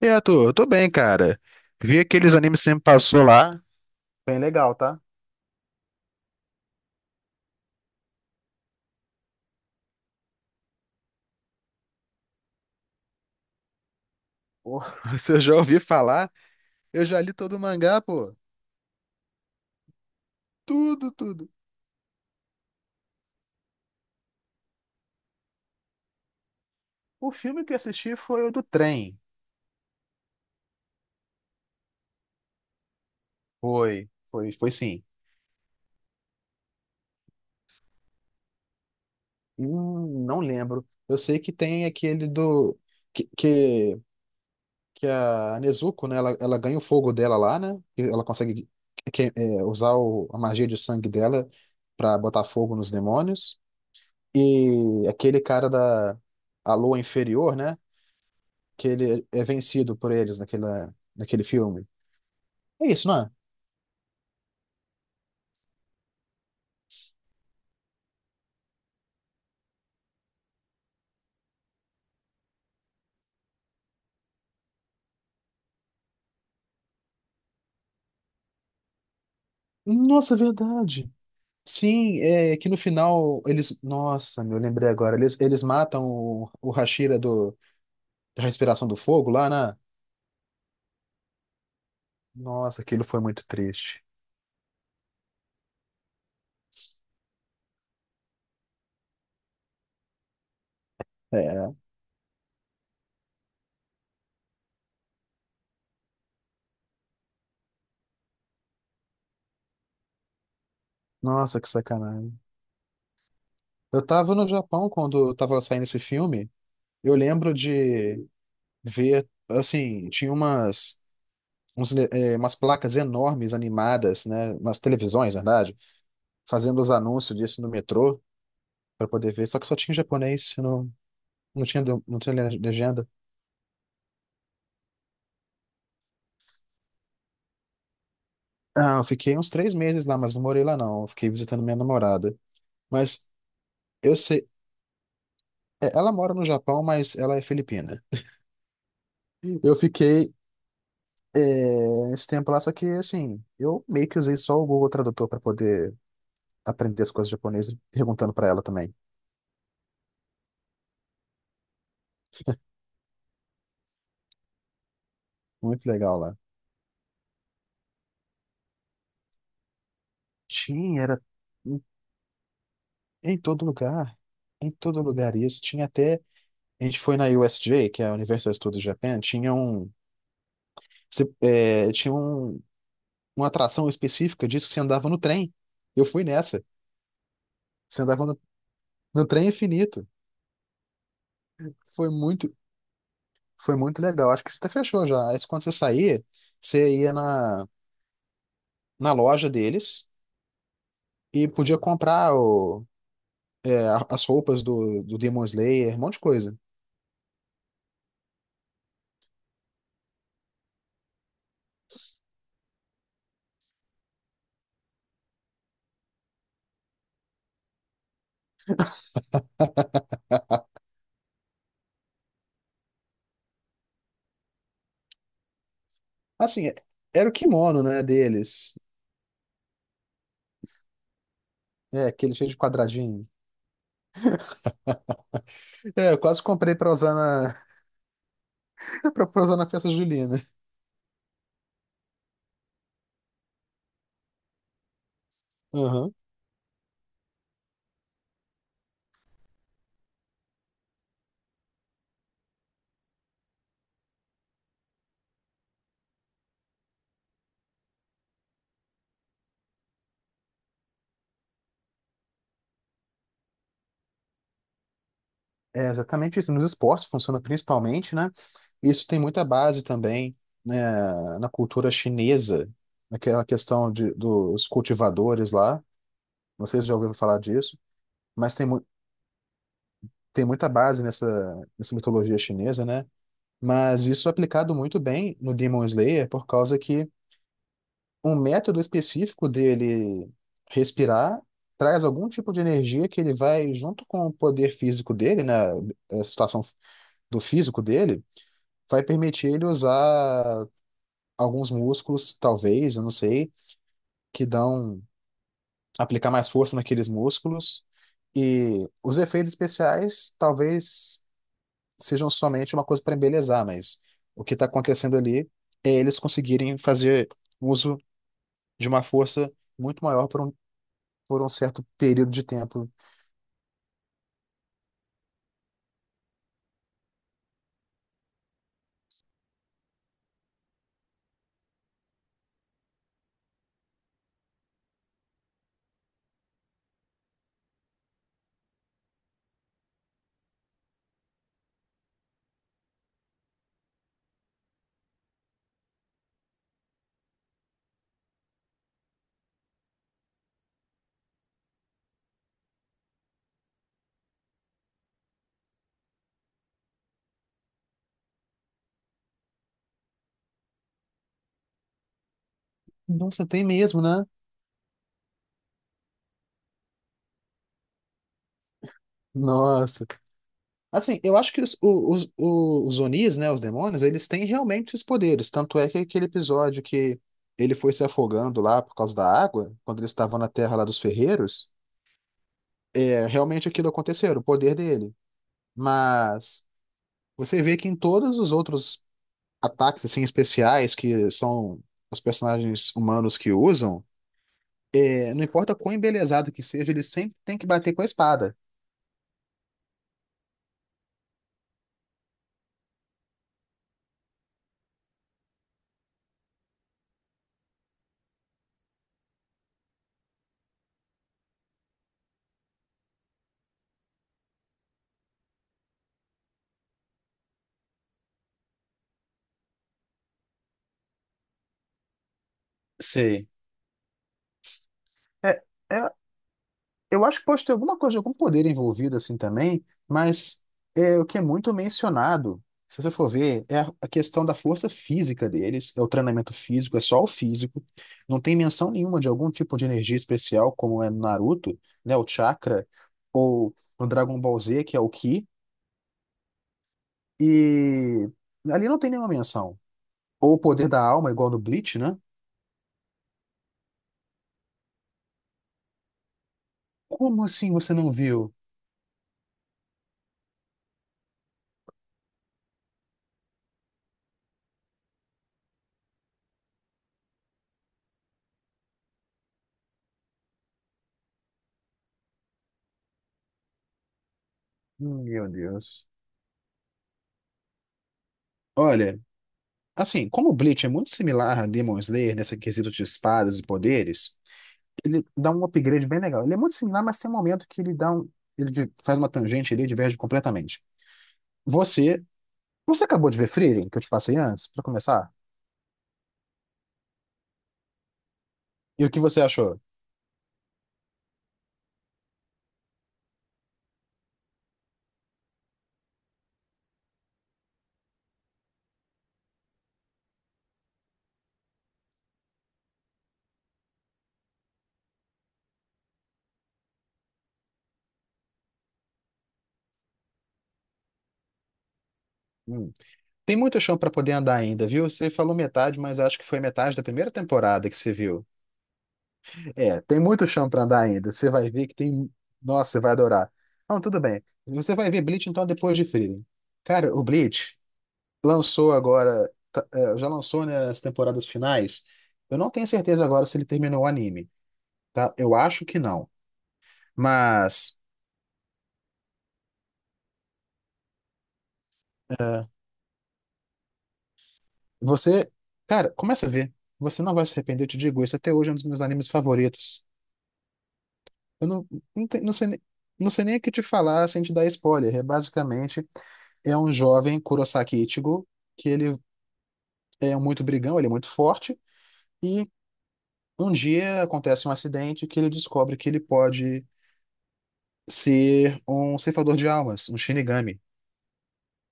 E aí, Arthur, eu tô bem, cara. Vi aqueles animes que você me passou lá. Bem legal, tá? Pô, se eu já ouvi falar, eu já li todo o mangá, pô. Tudo, tudo. O filme que eu assisti foi o do trem. Foi, foi, foi sim. Não lembro. Eu sei que tem aquele do. Que, que, que a Nezuko, né? Ela ganha o fogo dela lá, né? E ela consegue usar a magia de sangue dela pra botar fogo nos demônios. E aquele cara da a Lua Inferior, né? Que ele é vencido por eles naquele filme. É isso, não é? Nossa, é verdade. Sim, é que no final eles. Nossa, meu, lembrei agora. Eles matam o Hashira da respiração do fogo lá, né? Nossa, aquilo foi muito triste. É, nossa, que sacanagem. Eu tava no Japão quando tava saindo esse filme. Eu lembro de ver, assim, tinha umas uns, le- eh, umas placas enormes animadas, né? Umas televisões, na verdade, fazendo os anúncios disso no metrô para poder ver. Só que só tinha japonês, não, não tinha, não tinha legenda. Ah, eu fiquei uns 3 meses lá, mas não morei lá não. Eu fiquei visitando minha namorada. Mas eu sei, ela mora no Japão, mas ela é filipina. Eu fiquei esse tempo lá, só que assim, eu meio que usei só o Google Tradutor para poder aprender as coisas japonesas, perguntando para ela também. Muito legal lá. Era em todo lugar, em todo lugar isso. Tinha até, a gente foi na USJ, que é a Universal Studios Japan, tinha um, se- é, tinha um, uma atração específica disso, que você andava no trem. Eu fui nessa, você andava no trem infinito. Foi muito, foi muito legal. Acho que até fechou já. Aí quando você saía, você ia na loja deles e podia comprar as roupas do Demon Slayer, um monte de coisa. Assim, era o kimono, né, deles. É, aquele cheio de quadradinho. É, eu quase comprei pra usar na pra usar na festa julina. Uhum. É exatamente isso. Nos esportes funciona principalmente, né? Isso tem muita base também, né, na cultura chinesa, naquela questão dos cultivadores lá. Não sei se já ouviu falar disso, mas tem muita base nessa mitologia chinesa, né? Mas isso é aplicado muito bem no Demon Slayer por causa que um método específico dele respirar traz algum tipo de energia que ele vai, junto com o poder físico dele, né, a situação do físico dele, vai permitir ele usar alguns músculos, talvez, eu não sei, que dão, aplicar mais força naqueles músculos. E os efeitos especiais talvez sejam somente uma coisa para embelezar, mas o que está acontecendo ali é eles conseguirem fazer uso de uma força muito maior por um certo período de tempo. Nossa, tem mesmo, né? Nossa. Assim, eu acho que os Onis, né, os demônios, eles têm realmente esses poderes. Tanto é que aquele episódio que ele foi se afogando lá por causa da água, quando eles estavam na terra lá dos ferreiros, realmente aquilo aconteceu, o poder dele. Mas você vê que em todos os outros ataques, assim, especiais, que são os personagens humanos que usam, não importa quão embelezado que seja, ele sempre tem que bater com a espada. Sei. É, é, eu acho que pode ter alguma coisa, algum poder envolvido assim também, mas é o que é muito mencionado, se você for ver, é a questão da força física deles, é o treinamento físico, é só o físico, não tem menção nenhuma de algum tipo de energia especial, como é no Naruto, né, o chakra, ou no Dragon Ball Z, que é o Ki, e ali não tem nenhuma menção. Ou o poder da alma, igual no Bleach, né? Como assim você não viu? Meu Deus. Olha. Assim, como o Bleach é muito similar a Demon Slayer nesse quesito de espadas e poderes, ele dá um upgrade bem legal. Ele é muito similar, mas tem um momento que ele dá um, ele di- faz uma tangente ali e diverge completamente. Você, você acabou de ver Frieren, que eu te passei antes, pra começar? E o que você achou? Hum. Tem muito chão pra poder andar ainda, viu? Você falou metade, mas acho que foi metade da primeira temporada que você viu. É, tem muito chão pra andar ainda. Você vai ver que tem. Nossa, você vai adorar. Não, tudo bem. Você vai ver Bleach então depois de Frieren. Cara, o Bleach lançou agora, tá, já lançou, né, as temporadas finais. Eu não tenho certeza agora se ele terminou o anime, tá? Eu acho que não. Mas é, você, cara, começa a ver. Você não vai se arrepender, eu te digo isso. Até hoje é um dos meus animes favoritos. Eu não, não, não sei, não sei nem o que te falar sem te dar spoiler. É basicamente é um jovem Kurosaki Ichigo, que ele é muito brigão, ele é muito forte, e um dia acontece um acidente que ele descobre que ele pode ser um ceifador de almas, um Shinigami.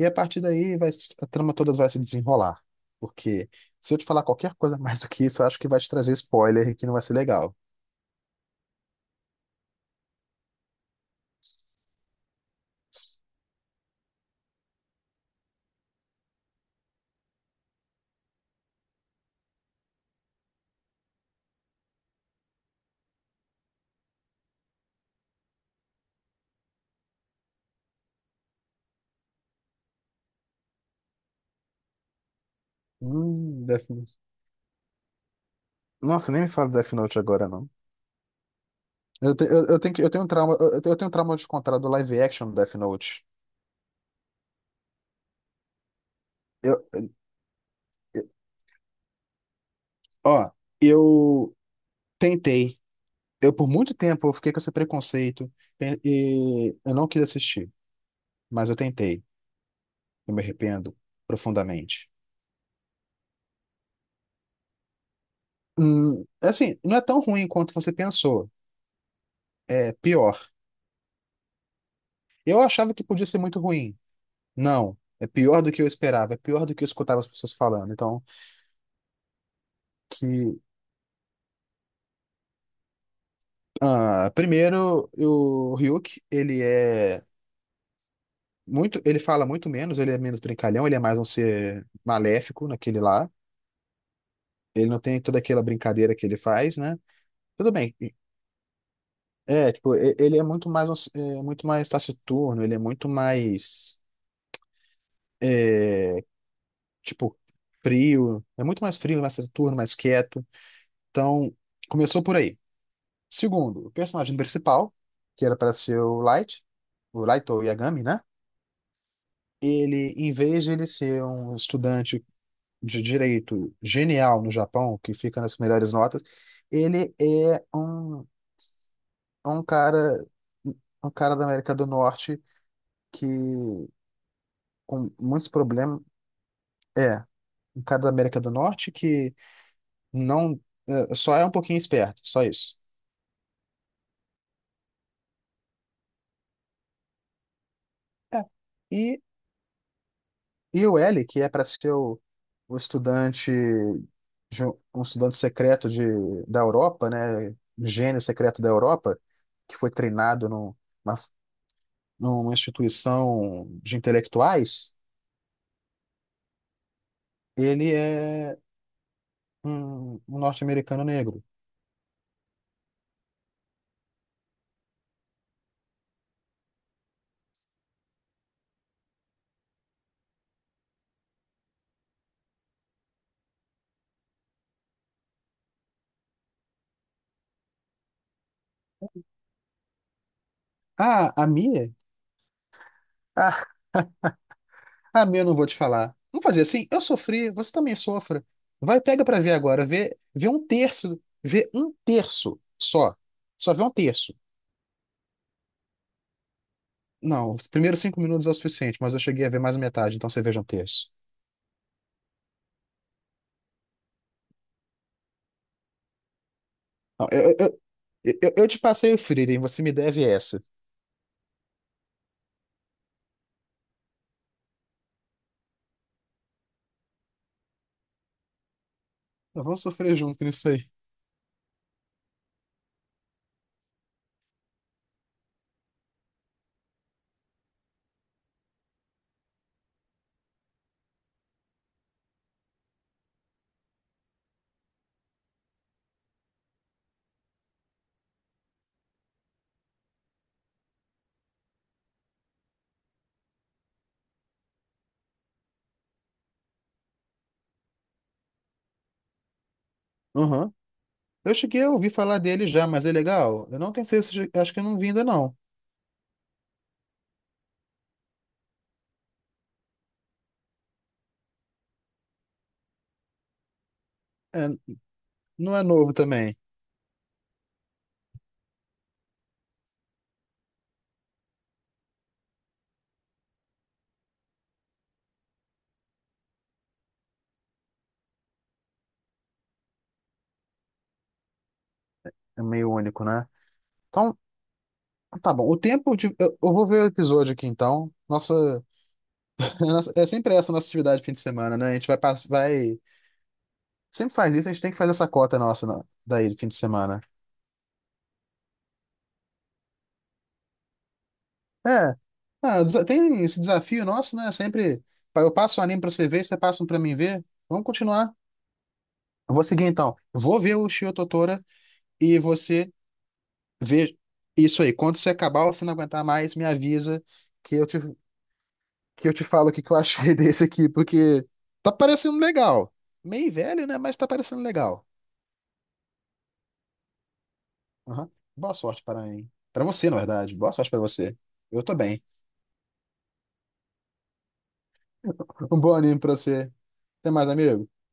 E a partir daí vai, se- a trama toda vai se desenrolar. Porque se eu te falar qualquer coisa mais do que isso, eu acho que vai te trazer spoiler e que não vai ser legal. Death Note. Nossa, nem me fala do Death Note agora, não. Eu tenho um trauma de contar do live action do Death Note. Eu, eu- ó, eu tentei. Eu, por muito tempo, eu fiquei com esse preconceito e e eu não quis assistir, mas eu tentei. Eu me arrependo profundamente. É assim, não é tão ruim quanto você pensou. É pior. Eu achava que podia ser muito ruim. Não. É pior do que eu esperava. É pior do que eu escutava as pessoas falando. Então, que. Primeiro, o Ryuk, ele é muito. Ele fala muito menos, ele é menos brincalhão, ele é mais um ser maléfico naquele lá. Ele não tem toda aquela brincadeira que ele faz, né? Tudo bem. É, tipo, ele é muito mais, muito mais taciturno, ele é muito mais tipo, frio. É muito mais frio, mais Saturno, mais quieto. Então, começou por aí. Segundo, o personagem principal, que era para ser o Light ou Yagami, né? Ele, em vez de ele ser um estudante de direito genial no Japão, que fica nas melhores notas, ele é um cara da América do Norte que com muitos problemas, é, um cara da América do Norte que não, só é um pouquinho esperto, só isso. É. E, e o L, que é para ser o estudante, de um estudante secreto da Europa, né? Um gênio secreto da Europa, que foi treinado na- numa instituição de intelectuais, ele é um norte-americano negro. Ah, a Mia? Ah, a Mia eu não vou te falar. Não fazer assim, eu sofri, você também sofra. Vai, pega para ver agora, vê, vê um terço só. Só vê um terço. Não, os primeiros 5 minutos é o suficiente, mas eu cheguei a ver mais a metade, então você veja um terço. Não, te passei o Frieren, você me deve essa. Nós vamos sofrer junto nisso aí. Aham. Eu cheguei a ouvir falar dele já, mas é legal. Eu não tenho certeza, acho que eu não vi ainda não. É, não é novo também. É meio único, né? Então, tá bom. O tempo de. Eu vou ver o episódio aqui então. Nossa, é sempre essa a nossa atividade de fim de semana, né? A gente vai. Sempre faz isso, a gente tem que fazer essa cota nossa daí, do fim de semana. É. Ah, tem esse desafio nosso, né? Sempre eu passo o anime pra você ver, você passa um pra mim ver. Vamos continuar. Eu vou seguir então. Vou ver o Shio Totora e você vê isso aí. Quando você acabar ou você não aguentar mais, me avisa que eu te, que eu te falo o que que eu achei desse aqui, porque tá parecendo legal. Meio velho, né? Mas tá parecendo legal. Aham. Boa sorte para mim. Para você, na verdade. Boa sorte para você. Eu tô bem. Um bom anime pra você. Até mais, amigo.